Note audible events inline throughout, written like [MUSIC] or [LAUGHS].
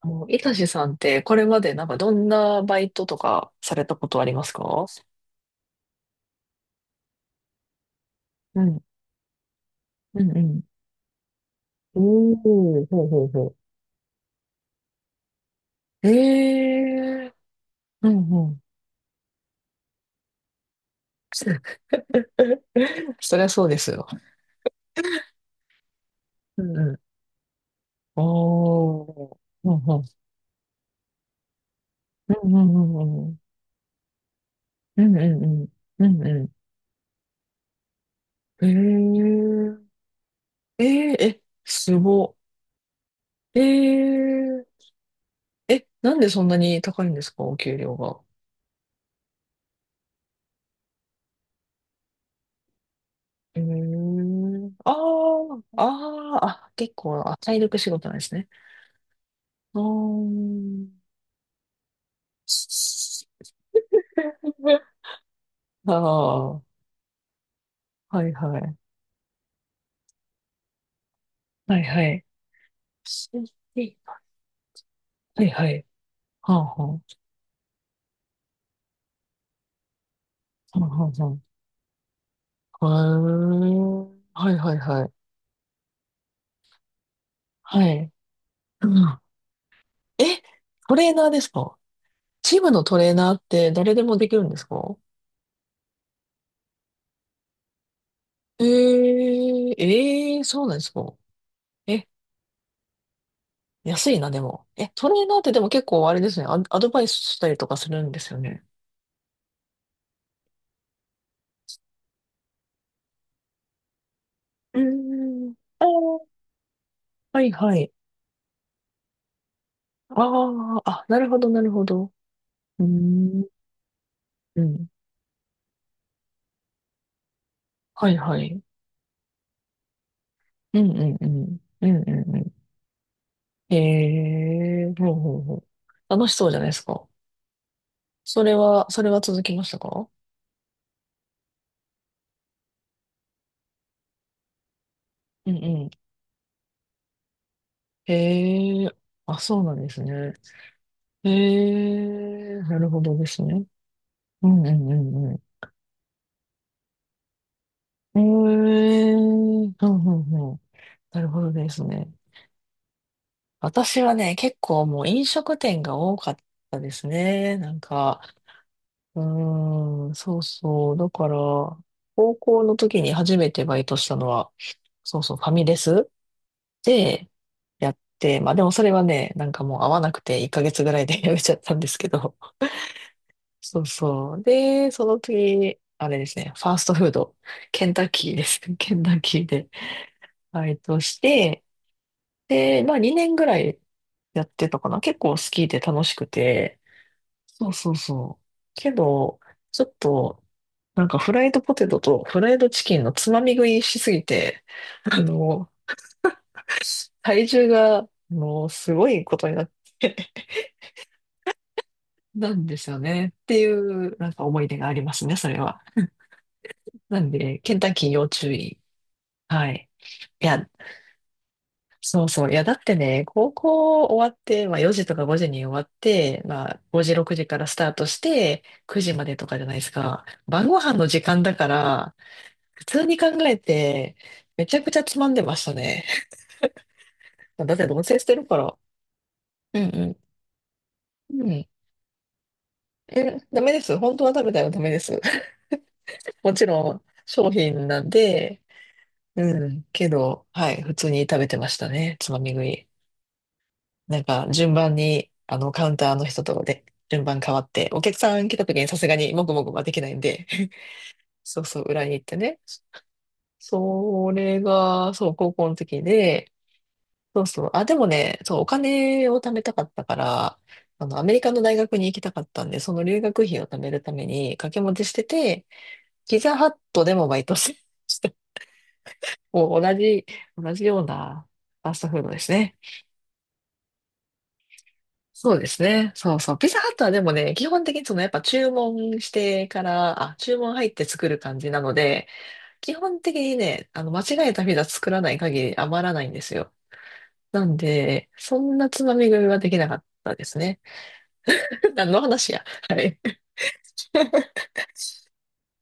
あの、いたしさんって、これまでなんかどんなバイトとかされたことありますか？うん、うん、うん。おー、ほうほうほう。ええー、うん、うん。[LAUGHS] そりゃそうですよ。うん、うん。おー、ほうほう。うん、うん、うん、うん、うん、うん、うん、うん、うん。えー、えー、え、すご。えー、え、なんでそんなに高いんですか、お給料が？うーん。あーあー、あ、結構、あ、体力仕事なんですね。あー。 [LAUGHS] ああ、はいはい。はいはい。はいはい。はあはあ。はあはあはあ。へえ。はいはいはい。はい。うん。え、トレーナーですか？チームのトレーナーって誰でもできるんですか？ええ、ええ、そうなんですか？え、安いな、でも。え、トレーナーってでも結構あれですね。アドバイスしたりとかするんですよね。うーん。あー、はいはい。ああ、あ、なるほど、なるほど。うーん。うん。はいはい。うんうんうん。うんうんうん。ええ、ほうほうほう。楽しそうじゃないですか。それは、それは続きましたか？うんうん。ええ。あ、そうなんですね。ええ、なるほどですね。うんうんうんうん。ええ、うんうんん。なるほどですね。私はね、結構もう飲食店が多かったですね。なんか、うーん、そうそう。だから、高校の時に初めてバイトしたのは、そうそう、ファミレスでやって、まあでもそれはね、なんかもう合わなくて1ヶ月ぐらいで [LAUGHS] やめちゃったんですけど、そうそう。で、その次、あれですね、ファーストフード、ケンタッキーです。[LAUGHS] ケンタッキーでバイトして、で、まあ2年ぐらいやってたかな。結構好きで楽しくて。そうそうそう。けど、ちょっと、なんかフライドポテトとフライドチキンのつまみ食いしすぎて、あの、体重が、もうすごいことになって [LAUGHS] なんですよね。っていう、なんか思い出がありますね、それは。なんで、ケンタッキー要注意。はい。いや、そうそう。いや、だってね、高校終わって、まあ4時とか5時に終わって、まあ5時、6時からスタートして、9時までとかじゃないですか。晩ご飯の時間だから、普通に考えて、めちゃくちゃつまんでましたね。[LAUGHS] だって同棲してるから。うんうん。うん。え、ダメです。本当は食べたらダメです。[LAUGHS] もちろん商品なんで、うん。けど、はい、普通に食べてましたね。つまみ食い。なんか順番に、カウンターの人とで順番変わって、お客さん来た時にさすがにもぐもぐはできないんで、[LAUGHS] そうそう、裏に行ってね。それが、そう、高校の時で、そうそう、あ、でもね、そう、お金を貯めたかったから、アメリカの大学に行きたかったんで、その留学費を貯めるために掛け持ちしてて、ピザハットでもバイトして、[LAUGHS] もう同じ、同じようなファーストフードですね。そうですね。そうそう。ピザハットはでもね、基本的にそのやっぱ注文してから、あ、注文入って作る感じなので、基本的にね、間違えたピザ作らない限り余らないんですよ。なんで、そんなつまみ食いはできなかったですね。[LAUGHS] 何の話や。はい。[LAUGHS]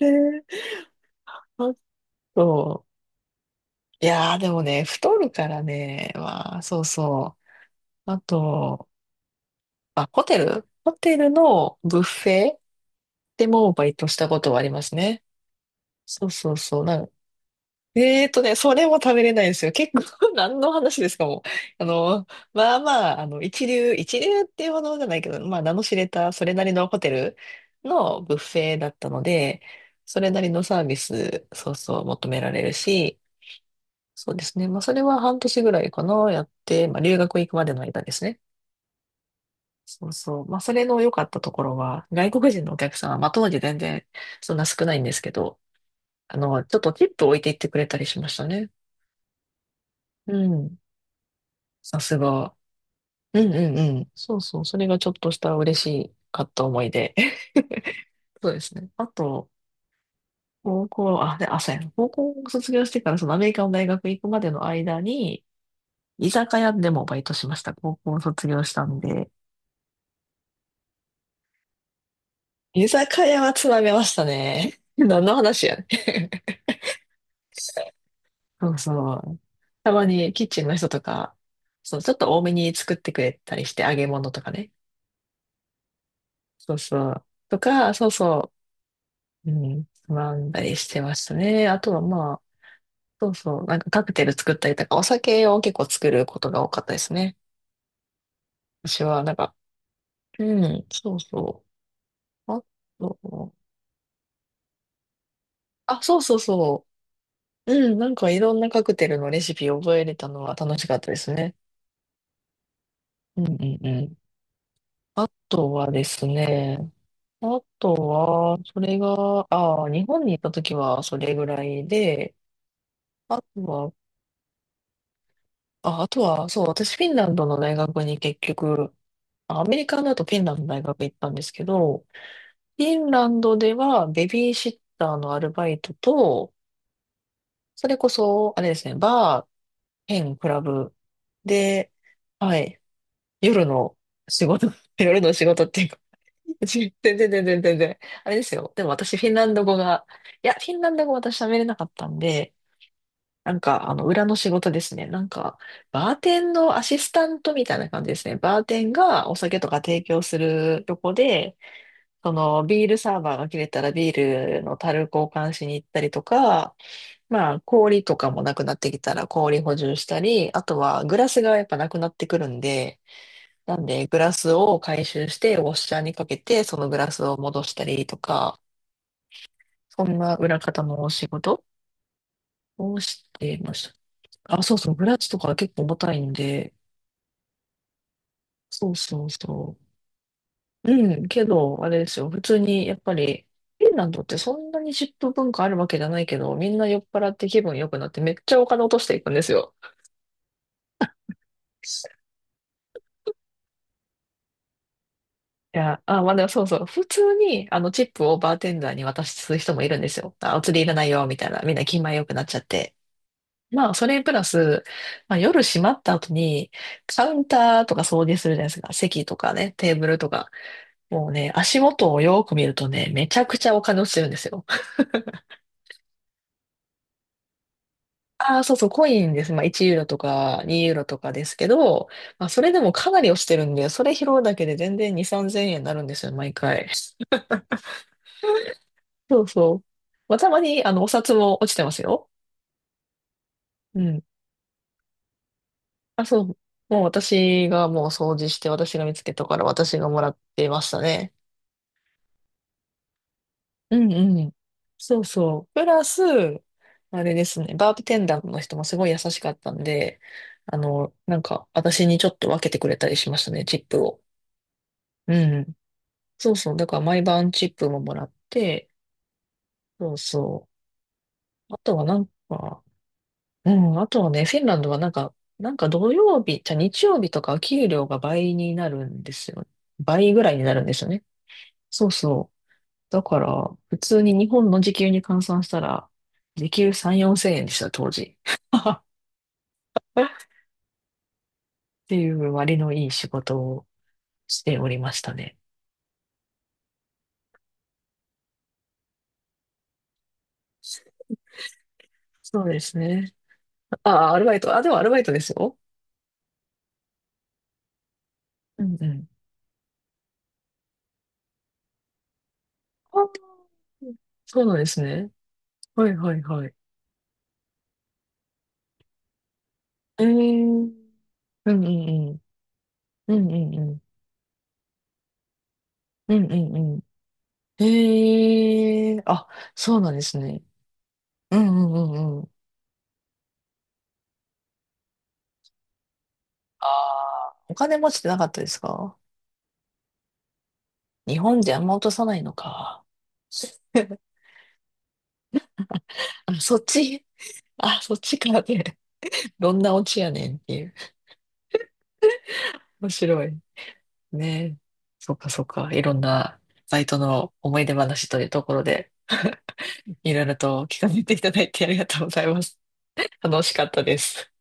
で、あと、いやーでもね、太るからね、まあ、そうそう。あと、あ、ホテルのブッフェでもバイトしたことはありますね。そうそうそう。なん、えーとね、それも食べれないですよ。結構、[LAUGHS] 何の話ですかもう。あの、まあま一流っていうほどじゃないけど、まあ、名の知れた、それなりのホテルのブッフェだったので、それなりのサービス、そうそう、求められるし、そうですね。まあ、それは半年ぐらいかな、やって、まあ、留学行くまでの間ですね。そうそう。まあ、それの良かったところは、外国人のお客さんは、まあ、当時全然、そんな少ないんですけど、ちょっとチップ置いていってくれたりしましたね。うん。さすが。うんうんうん。そうそう。それがちょっとした嬉しかった思い出。[LAUGHS] そうですね。あと、高校、あ、で、あ、そうやな。高校を卒業してから、そのアメリカの大学行くまでの間に、居酒屋でもバイトしました。高校を卒業したんで。居酒屋はつまめましたね。[LAUGHS] 何の話やねん。[LAUGHS] そうそう。たまにキッチンの人とか、そう、ちょっと多めに作ってくれたりして、揚げ物とかね。そうそう。とか、そうそう。うん、学んだりしてましたね。あとはまあ、そうそう、なんかカクテル作ったりとか、お酒を結構作ることが多かったですね。私は、なんか、うん、そうそう。あと、あ、そうそうそう。うん、なんかいろんなカクテルのレシピを覚えれたのは楽しかったですね。うんうんうん。あとはですね、あとは、それが、ああ、日本に行った時はそれぐらいで、あとは、あ、あとは、そう、私フィンランドの大学に結局、アメリカだとフィンランドの大学行ったんですけど、フィンランドではベビーシッターのアルバイトと、それこそ、あれですね、バー、兼クラブで、はい、夜の仕事、[LAUGHS] 夜の仕事っていうか、[LAUGHS] 全然全然全然全然、あれですよ。でも私フィンランド語が、いや、フィンランド語私喋れなかったんで、なんか、裏の仕事ですね。なんか、バーテンのアシスタントみたいな感じですね。バーテンがお酒とか提供するとこで、そのビールサーバーが切れたらビールの樽交換しに行ったりとか、まあ氷とかもなくなってきたら氷補充したり、あとはグラスがやっぱなくなってくるんで、なんでグラスを回収してウォッシャーにかけてそのグラスを戻したりとか、そんな裏方のお仕事をしてました。あ、そうそう、グラスとか結構重たいんで、そうそうそう。うん、けど、あれですよ。普通に、やっぱり、フィンランドってそんなにップ文化あるわけじゃないけど、みんな酔っ払って気分良くなってめっちゃお金落としていくんですよ。いや、あ、まあ、でもそうそう。普通に、チップをバーテンダーに渡す人もいるんですよ。あ、お釣りいらないよ、みたいな。みんな気前良くなっちゃって。まあ、それプラス、まあ、夜閉まった後に、カウンターとか掃除するじゃないですか。席とかね、テーブルとか。もうね、足元をよく見るとね、めちゃくちゃお金落ちてるんですよ。ああ、そうそう、コインです。まあ、1ユーロとか2ユーロとかですけど、まあ、それでもかなり落ちてるんで、それ拾うだけで全然2、3000円になるんですよ、毎回。[LAUGHS] そうそう。まあ、たまに、お札も落ちてますよ。うん。あ、そう。もう私がもう掃除して、私が見つけたから私がもらってましたね。うんうん。そうそう。プラス、あれですね、バーテテンダーの人もすごい優しかったんで、なんか、私にちょっと分けてくれたりしましたね、チップを。うん。そうそう。だから毎晩チップももらって、そうそう。あとはなんか、うん、あとはね、フィンランドはなんか、なんか土曜日、じゃあ日曜日とか給料が倍になるんですよね。倍ぐらいになるんですよね。そうそう。だから、普通に日本の時給に換算したら、時給3、4千円でした、当時。[LAUGHS] っていう割のいい仕事をしておりましたね。そうですね。ああ、アルバイト。あ、でもアルバイトですよ。うんうん、あー、そうなんですね。はいはいはい。えー、うんうんうん。うんうんうん。うんうんうん。えー、あ、そうなんですね。うんうんうんうん。ああ、お金持ちってなかったですか？日本であんま落とさないのか。[LAUGHS] あ、そっち、[LAUGHS] あ、そっちからで、どんなオチやねんっていう。面白い。ねえ。そっかそっか。いろんなバイトの思い出話というところで。いろいろと聞かせていただいてありがとうございます。楽しかったです。